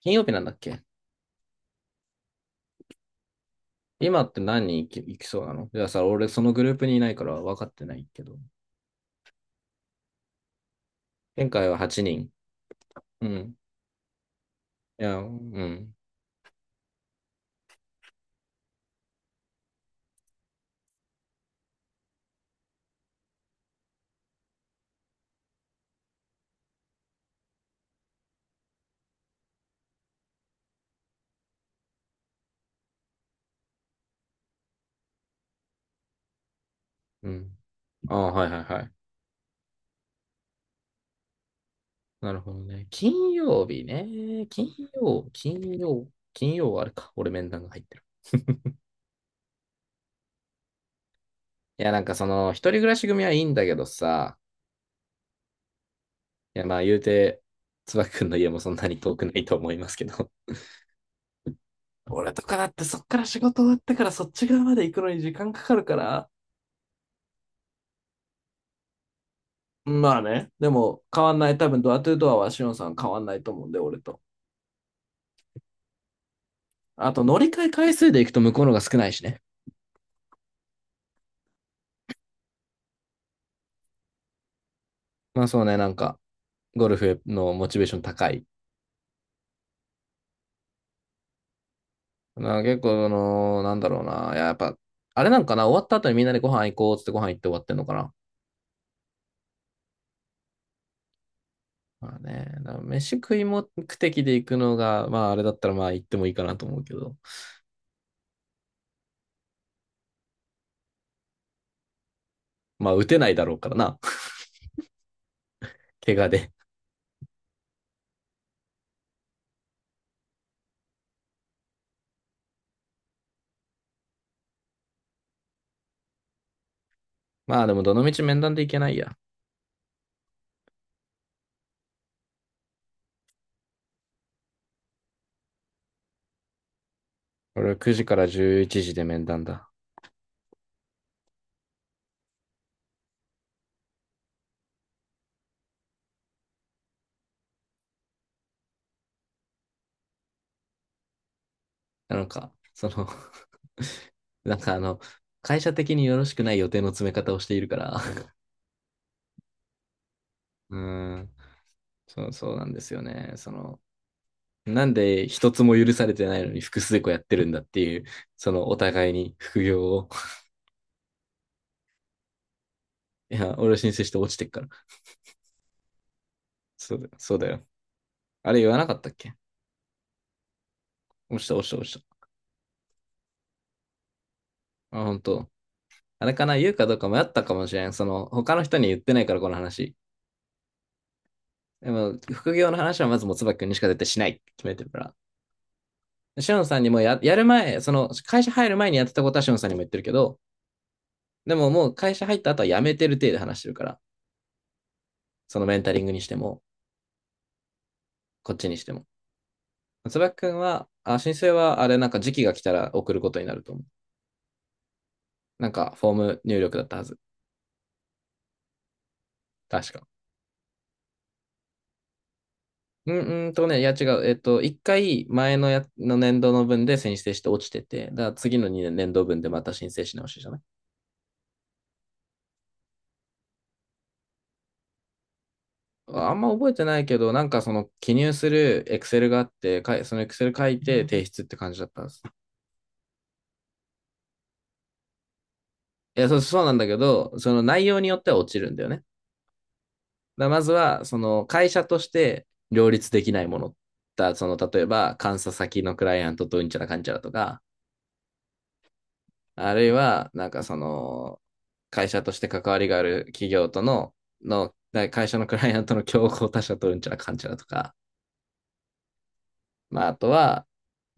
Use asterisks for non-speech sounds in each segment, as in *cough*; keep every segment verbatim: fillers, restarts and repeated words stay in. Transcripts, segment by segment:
金曜日なんだっけ。今って何人行き行きそうなの。いやさ、俺そのグループにいないから分かってないけど。前回ははちにん。うん。いや、うん。うん。ああ、はいはいはい。なるほどね。金曜日ね。金曜、金曜、金曜はあれか。俺面談が入ってる。いや、なんかその、一人暮らし組はいいんだけどさ、いや、まあ言うて、椿くんの家もそんなに遠くないと思いますけど。*laughs* 俺とかだってそっから仕事終わってからそっち側まで行くのに時間かかるから。まあね。でも、変わんない。多分、ドアトゥードアはシオンさん変わんないと思うんで、俺と。あと、乗り換え回数で行くと向こうのが少ないしね。まあそうね、なんか、ゴルフのモチベーション高い。な結構、あのーなんだろうな。いや、やっぱ、あれなんかな、終わった後にみんなでご飯行こうっつってご飯行って終わってんのかな。まあね、だから飯食い目的で行くのが、まああれだったらまあ行ってもいいかなと思うけど。まあ打てないだろうからな。*laughs* 怪我で。まあでも、どの道面談で行けないや。俺くじからじゅういちじで面談だ。なんか、その *laughs* *laughs* なんかあの、会社的によろしくない予定の詰め方をしているから、*laughs* うーん、そう、そうなんですよね。その、なんで一つも許されてないのに複数個やってるんだっていう、そのお互いに副業を。*laughs* いや、俺は申請して落ちてっから。そうだよ、そうだよ。あれ言わなかったっけ。落ちた、落ちた、落ちた。あ、本当。あれかな、言うかどうか迷ったかもしれん。その、他の人に言ってないから、この話。でも、副業の話はまずもつばきくんにしか絶対しないって決めてるから。シオンさんにもや、やる前、その会社入る前にやってたことはシオンさんにも言ってるけど、でももう会社入った後は辞めてる体で話してるから、そのメンタリングにしても、こっちにしても。椿くんは、あ、申請はあれなんか時期が来たら送ることになると思う。なんかフォーム入力だったはず。確か。うん。うんとね、いや違う。えっと、一回前のや、の年度の分で申請して落ちてて、だから次のにねん年度分でまた申請し直しじゃない。あんま覚えてないけど、なんかその記入するエクセルがあって、そのエクセル書いて提出って感じだったんです。いや、そう、そうなんだけど、その内容によっては落ちるんだよね。だからまずは、その会社として両立できないもの。だその、例えば、監査先のクライアントとうんちゃらかんちゃらとか、あるいは、なんかその、会社として関わりがある企業との、の、会社のクライアントの競合他社とうんちゃらかんちゃらとか、まあ、あとは、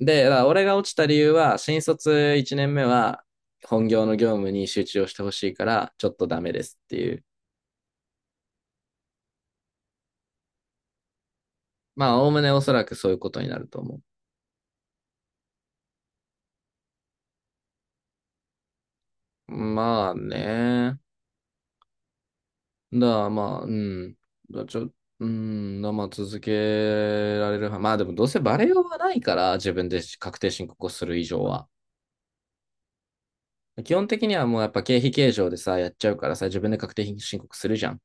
で、俺が落ちた理由は、新卒いちねんめは、本業の業務に集中をしてほしいから、ちょっとダメですっていう。まあ、おおむねおそらくそういうことになると思う。まあね。だからまあ、うん。だちょ、うん。だからまあ、続けられるは。まあでも、どうせバレようがないから、自分で確定申告をする以上は。基本的にはもうやっぱ経費計上でさ、やっちゃうからさ、自分で確定申告するじゃん。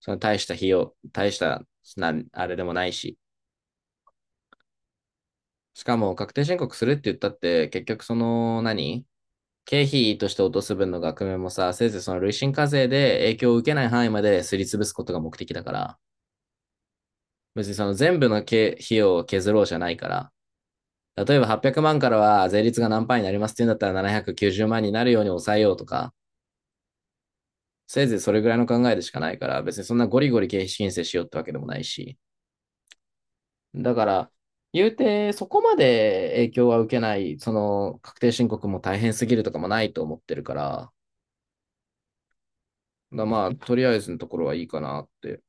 その大した費用、大したな、あれでもないし。しかも、確定申告するって言ったって、結局その何、経費として落とす分の額面もさ、せいぜいその累進課税で影響を受けない範囲まですり潰すことが目的だから、別にその全部の経費を削ろうじゃないから、例えばはっぴゃくまんからは税率が何パーになりますっていうんだったらななひゃくきゅうじゅうまんになるように抑えようとか、せいぜいそれぐらいの考えでしかないから、別にそんなゴリゴリ経費申請しようってわけでもないし。だから、言うて、そこまで影響は受けない、その確定申告も大変すぎるとかもないと思ってるから、だからまあ、とりあえずのところはいいかなって。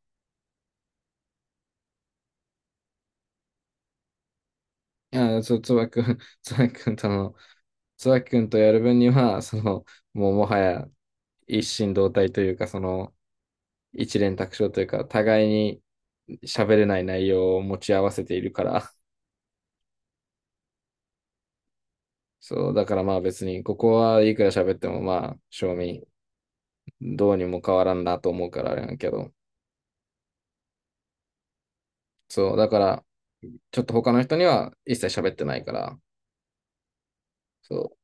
いや、そう、つばくん、*laughs* つばくんとの、つばくんとやる分には、その、もうもはや一心同体というか、その、一蓮托生というか、互いに喋れない内容を持ち合わせているから。*laughs* そう、だからまあ別に、ここはいくら喋ってもまあ、正味、どうにも変わらんなと思うからあれなんやけど、そう、だから、ちょっと他の人には一切喋ってないから、そう、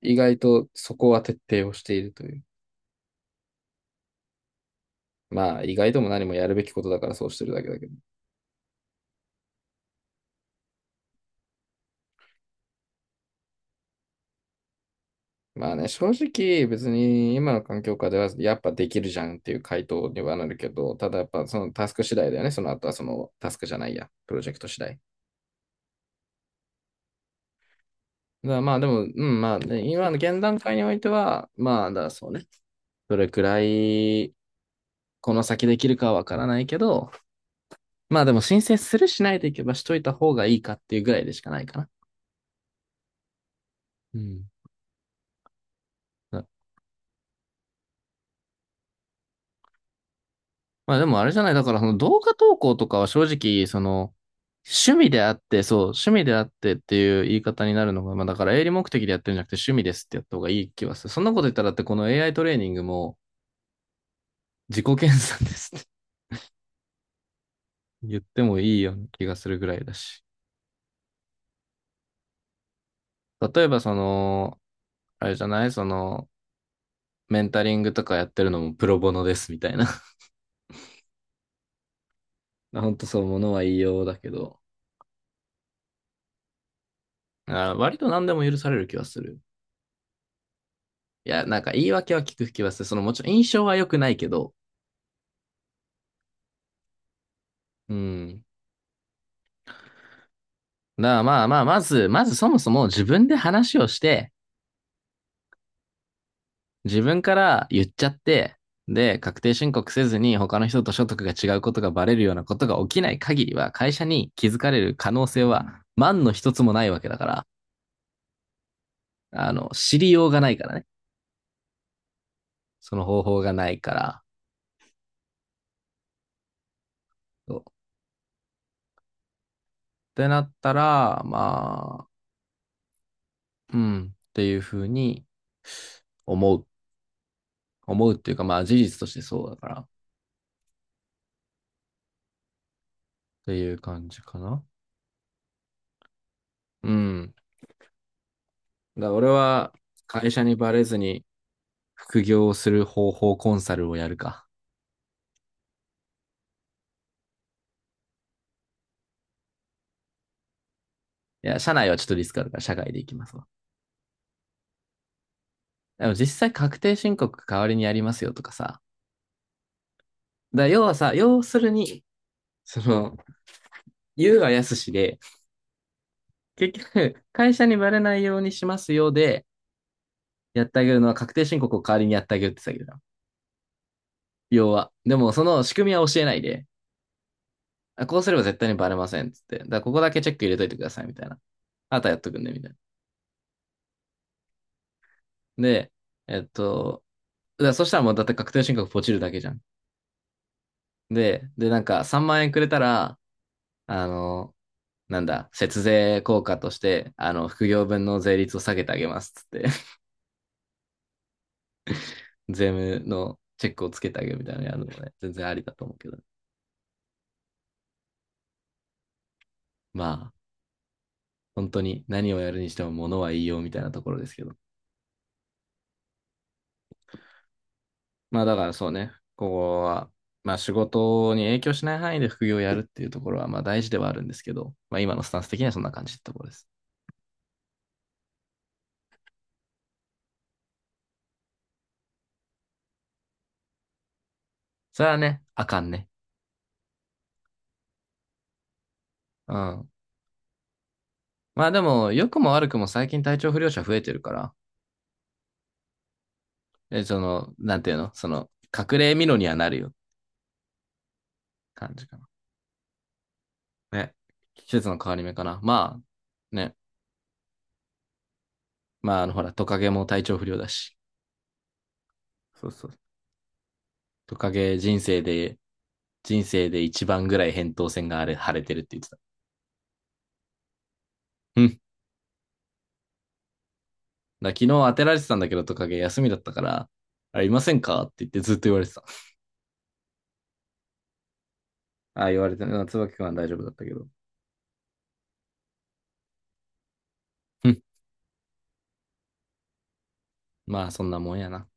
意外とそこは徹底をしているという。まあ、意外とも何もやるべきことだからそうしてるだけだけど。まあね、正直別に今の環境下ではやっぱできるじゃんっていう回答にはなるけど、ただやっぱそのタスク次第だよね。その後はそのタスクじゃないや、プロジェクト次第。だからまあでも、うん、まあね、今の現段階においては、まあだからそうね。どれくらいこの先できるかはわからないけど、まあでも申請するしないでいけばしといた方がいいかっていうぐらいでしかないかな。うん。まあでもあれじゃない、だからその動画投稿とかは正直、その、趣味であって、そう、趣味であってっていう言い方になるのが、まあだから営利目的でやってるんじゃなくて趣味ですってやった方がいい気はする。そんなこと言ったらだってこの エーアイ トレーニングも自己研鑽ですって *laughs* 言ってもいいような気がするぐらいだし。例えばその、あれじゃないその、メンタリングとかやってるのもプロボノですみたいな。*laughs* ほんとそう、ものは言いようだけど、あ、割と何でも許される気はする。いや、なんか言い訳は聞く気はする。そのもちろん印象は良くないけど、うん。だからまあまあ、まず、まずそもそも自分で話をして、自分から言っちゃって、で、確定申告せずに他の人と所得が違うことがバレるようなことが起きない限りは、会社に気づかれる可能性は万の一つもないわけだから、あの、知りようがないからね。その方法がないから。そうってなったら、まあ、うん、っていうふうに思う。思うっていうか、まあ事実としてそうだから、っていう感じかな。うん。だから俺は会社にバレずに副業をする方法コンサルをやるか。いや、社内はちょっとリスクあるから社外で行きますわ。でも実際確定申告代わりにやりますよとかさ。だから要はさ、要するに、その、言うはやすしで、結局、会社にバレないようにしますよで、やってあげるのは確定申告を代わりにやってあげるって言ってたけど要は。でも、その仕組みは教えないで、あこうすれば絶対にバレませんっつって。だからここだけチェック入れといてくださいみたいな。あとはやっとくんで、みたいな。で、えっと、だからそしたらもうだって確定申告ポチるだけじゃん。で、で、なんかさんまん円くれたら、あの、なんだ、節税効果として、あの、副業分の税率を下げてあげますっつって、*laughs* 税務のチェックをつけてあげるみたいなのやるのもね、全然ありだと思うけど。まあ、本当に何をやるにしても物は言いようみたいなところですけど。まあだからそうね、ここは、まあ仕事に影響しない範囲で副業をやるっていうところはまあ大事ではあるんですけど、まあ今のスタンス的にはそんな感じってところです。それはね、あかんね。うん。まあでも、良くも悪くも最近体調不良者増えてるから、え、その、なんていうのその、隠れ蓑にはなるよ。感じかな。ね。季節の変わり目かな。まあ、ね。まあ、あの、ほら、トカゲも体調不良だし。そうそう。トカゲ人生で、人生で一番ぐらい扁桃腺があれ、腫れてるって言ってた。うん。だから昨日当てられてたんだけど、トカゲ休みだったから、あれ、いませんかって言ってずっと言われてた。*laughs* ああ、言われてる。椿君は大丈夫だったけど。うん。まあ、そんなもんやな。